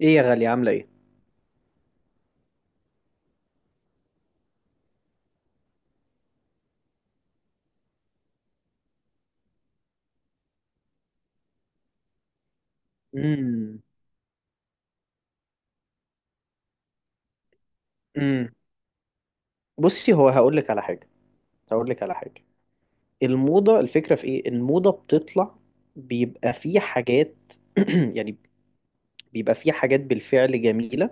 ايه يا غالية، عاملة ايه؟ امم امم بصي، هو هقول لك على حاجة. هقول لك على حاجة الموضة، الفكرة في ايه؟ الموضة بتطلع، بيبقى في حاجات. يعني بيبقى في حاجات بالفعل جميلة.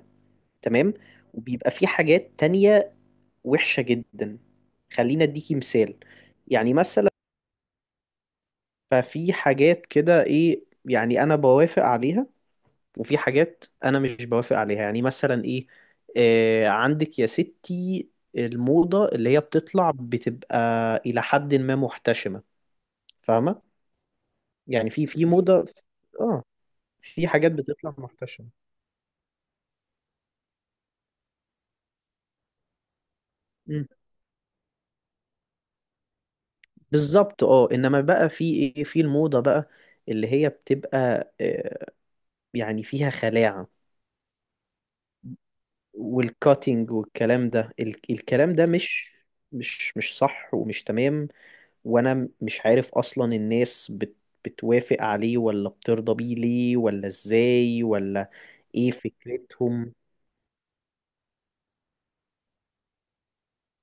تمام. وبيبقى في حاجات تانية وحشة جدا. خلينا اديكي مثال، يعني مثلا. ففي حاجات كده ايه، يعني انا بوافق عليها، وفي حاجات انا مش بوافق عليها، يعني مثلا ايه. آه، عندك يا ستي، الموضة اللي هي بتطلع بتبقى الى حد ما محتشمة. فاهمة؟ يعني في موضة. اه، في حاجات بتطلع محتشمة. مم. بالظبط. اه، انما بقى في ايه في الموضة بقى، اللي هي بتبقى، يعني فيها خلاعة والكاتينج والكلام ده. الكلام ده مش مش صح ومش تمام. وانا مش عارف اصلا، الناس بتوافق عليه ولا بترضى بيه ليه، ولا ازاي، ولا ايه فكرتهم.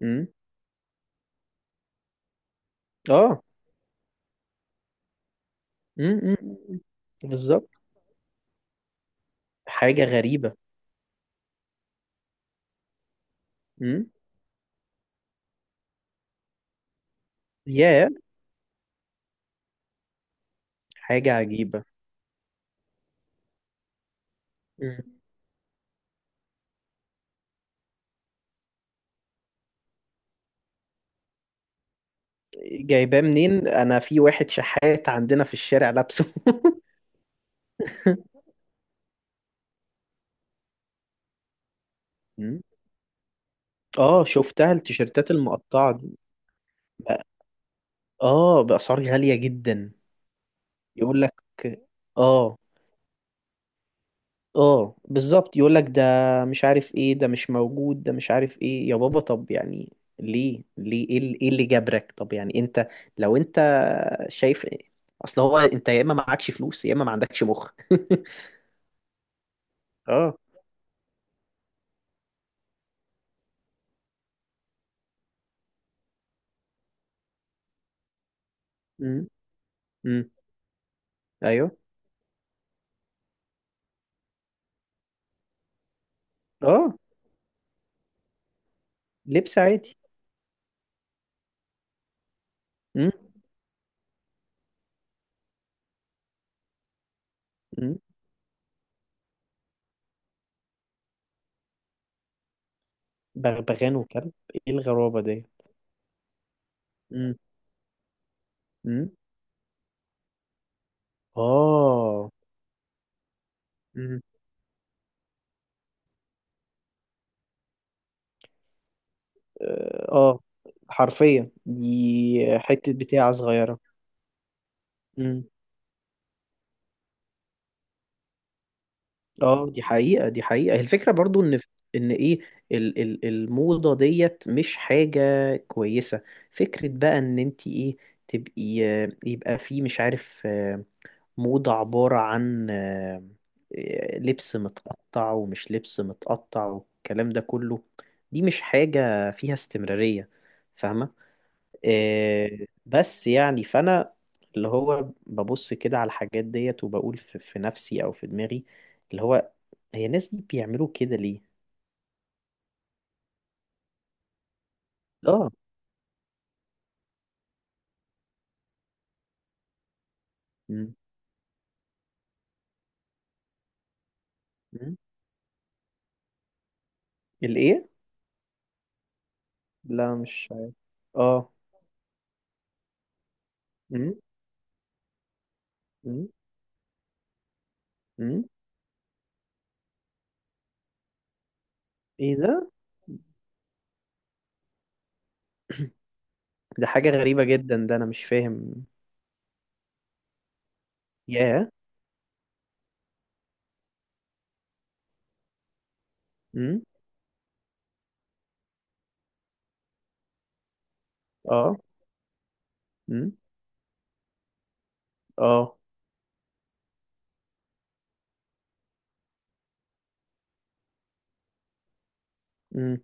امم اه أمم، أمم. إمم. بالظبط. حاجة غريبة. امم يا، حاجة عجيبة. أمم. جايباه منين؟ انا في واحد شحات عندنا في الشارع لابسه. أمم. اه، شفتها التيشيرتات المقطعة دي. بقى- اه بأسعار غالية جدا. يقول لك، اه. اه بالظبط، يقول لك ده مش عارف ايه، ده مش موجود، ده مش عارف ايه يا بابا. طب يعني ليه؟ ايه اللي، إيه اللي جبرك؟ طب يعني انت، لو انت شايف إيه؟ اصل هو انت يا اما معكش فلوس، يا اما ما عندكش مخ. اه. امم امم ايوه. اه، لبس عادي. امم امم بغبغان وكلب؟ ايه الغرابة دي؟ امم امم اه امم اه آه، حرفيا دي حتة بتاعة صغيرة. اه دي حقيقة، دي حقيقة. الفكرة برضو ان، ان ايه، ال ال الموضة ديت مش حاجة كويسة. فكرة بقى ان انت ايه، تبقي، يبقى في مش عارف، موضة عبارة عن، لبس متقطع ومش لبس متقطع والكلام ده كله. دي مش حاجة فيها استمرارية. فاهمة؟ آه، بس يعني فانا، اللي هو ببص كده على الحاجات ديت وبقول في نفسي او في دماغي، اللي هو هي الناس دي بيعملوا كده ليه؟ اه. مم. مم. الايه؟ لا مش عارف. اه. مم. مم. مم. ايه ده؟ ده حاجة غريبة جدا، ده انا مش فاهم. ياه. مم. اه. مم. اه. مم.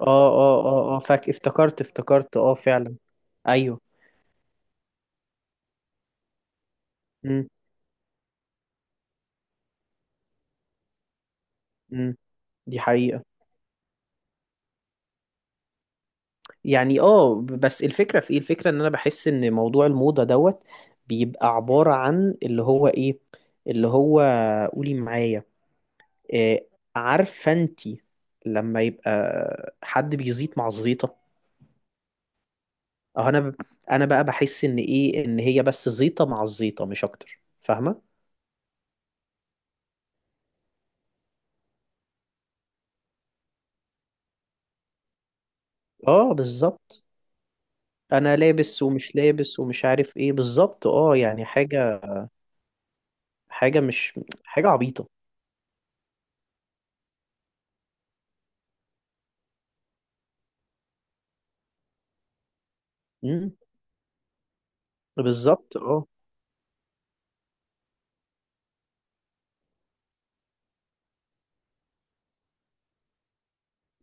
اه، اه، اه، اه، فاك، افتكرت افتكرت، اه فعلا. ايوه. مم. مم. دي حقيقة. يعني اه بس الفكرة في ايه؟ الفكرة ان انا بحس ان موضوع الموضة دوت بيبقى عبارة عن اللي هو ايه، اللي هو، قولي معايا، إيه، عارفه انت، لما يبقى حد بيزيط مع الزيطه. اه. انا بقى بحس ان ايه، ان هي بس زيطه مع الزيطه، مش اكتر. فاهمه؟ اه بالظبط. انا لابس ومش لابس ومش عارف ايه بالظبط. اه يعني حاجه، حاجه مش حاجه عبيطه. امم بالظبط. اه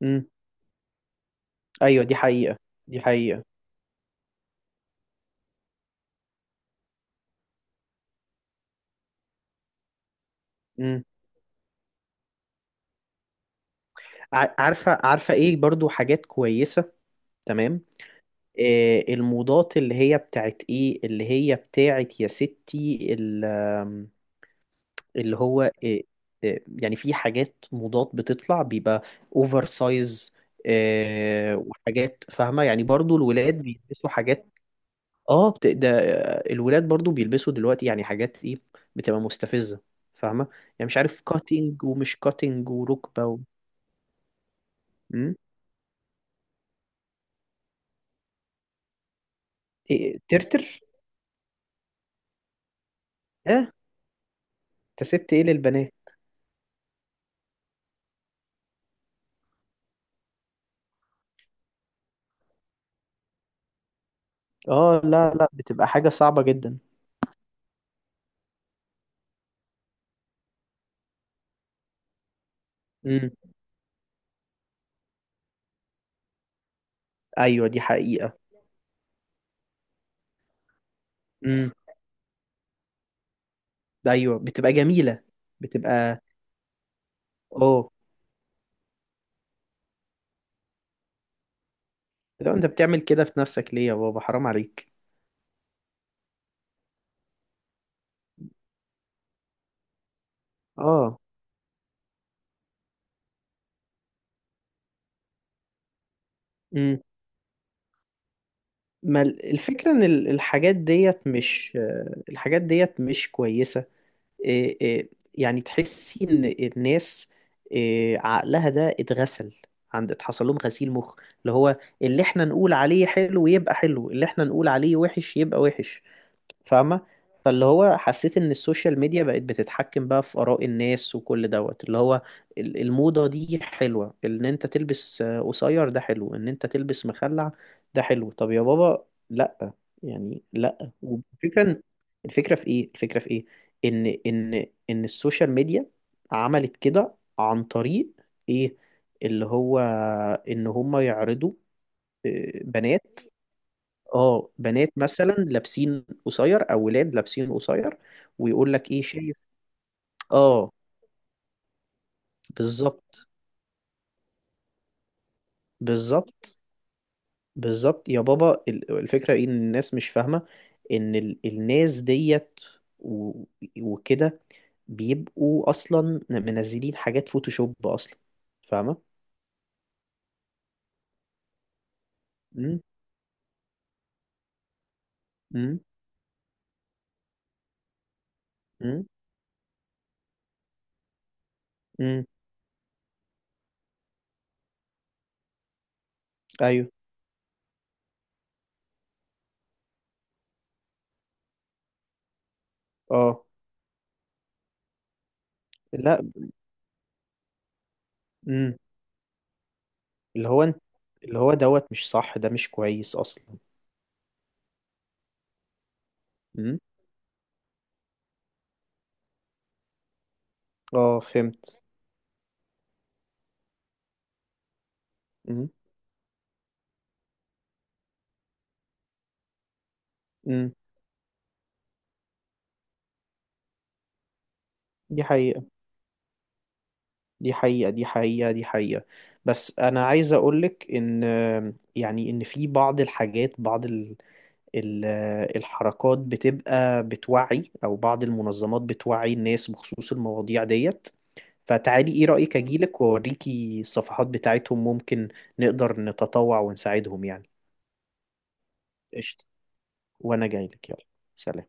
امم ايوه دي حقيقه، دي حقيقه. امم عارفه عارفه ايه، برضو حاجات كويسه. تمام. الموضات اللي هي بتاعت ايه، اللي هي بتاعت يا ستي، ال- آم، اللي هو، يعني في حاجات موضات بتطلع بيبقى اوفر سايز. وحاجات، فاهمة؟ يعني برضو الولاد بيلبسوا حاجات، اه ده، الولاد برضو بيلبسوا دلوقتي يعني حاجات ايه، بتبقى مستفزة. فاهمة؟ يعني مش عارف، كاتنج ومش كاتنج وركبة و... مم؟ إيه، ترتر. اه. انت سبت ايه للبنات؟ اه لا، لا، بتبقى حاجة صعبة جدا. ايوه دي حقيقة. امم ايوه بتبقى جميلة، بتبقى. اه. لو انت بتعمل كده في نفسك ليه يا بابا؟ حرام عليك. اه. امم ما الفكرة ان الحاجات ديت مش، الحاجات ديت مش كويسة. إيه يعني تحسي ان الناس، إيه عقلها ده اتغسل؟ عند اتحصل لهم غسيل مخ، اللي هو اللي احنا نقول عليه حلو يبقى حلو، اللي احنا نقول عليه وحش يبقى وحش. فاهمة؟ فاللي هو حسيت ان السوشيال ميديا بقت بتتحكم بقى في آراء الناس، وكل دوت اللي هو الموضة دي حلوة. ان انت تلبس، قصير ده حلو. ان انت تلبس مخلع ده حلو؟ طب يا بابا، لا، يعني لا. والفكرة، الفكرة في ايه؟ الفكرة في ايه، ان السوشيال ميديا عملت كده عن طريق ايه، اللي هو، ان هم يعرضوا، بنات. اه، بنات مثلا لابسين قصير، او ولاد لابسين قصير، ويقول لك ايه شايف. اه بالظبط. بالظبط، بالظبط يا بابا. الفكره ايه، ان الناس مش فاهمه ان الناس ديت، و- وكده، بيبقوا اصلا منزلين حاجات فوتوشوب اصلا. فاهمه؟ امم امم امم امم ايوه. اه. لا. امم اللي هو انت، اللي هو دوت مش صح، ده مش كويس اصلا. امم اه، فهمت. امم دي حقيقة، دي حقيقة، دي حقيقة، دي حقيقة. بس أنا عايز أقولك إن، يعني إن في بعض الحاجات، بعض ال ال الحركات بتبقى بتوعي، أو بعض المنظمات بتوعي الناس بخصوص المواضيع ديت. فتعالي إيه رأيك، أجيلك وأوريكي الصفحات بتاعتهم، ممكن نقدر نتطوع ونساعدهم يعني. قشطة. وأنا جايلك. يلا، سلام.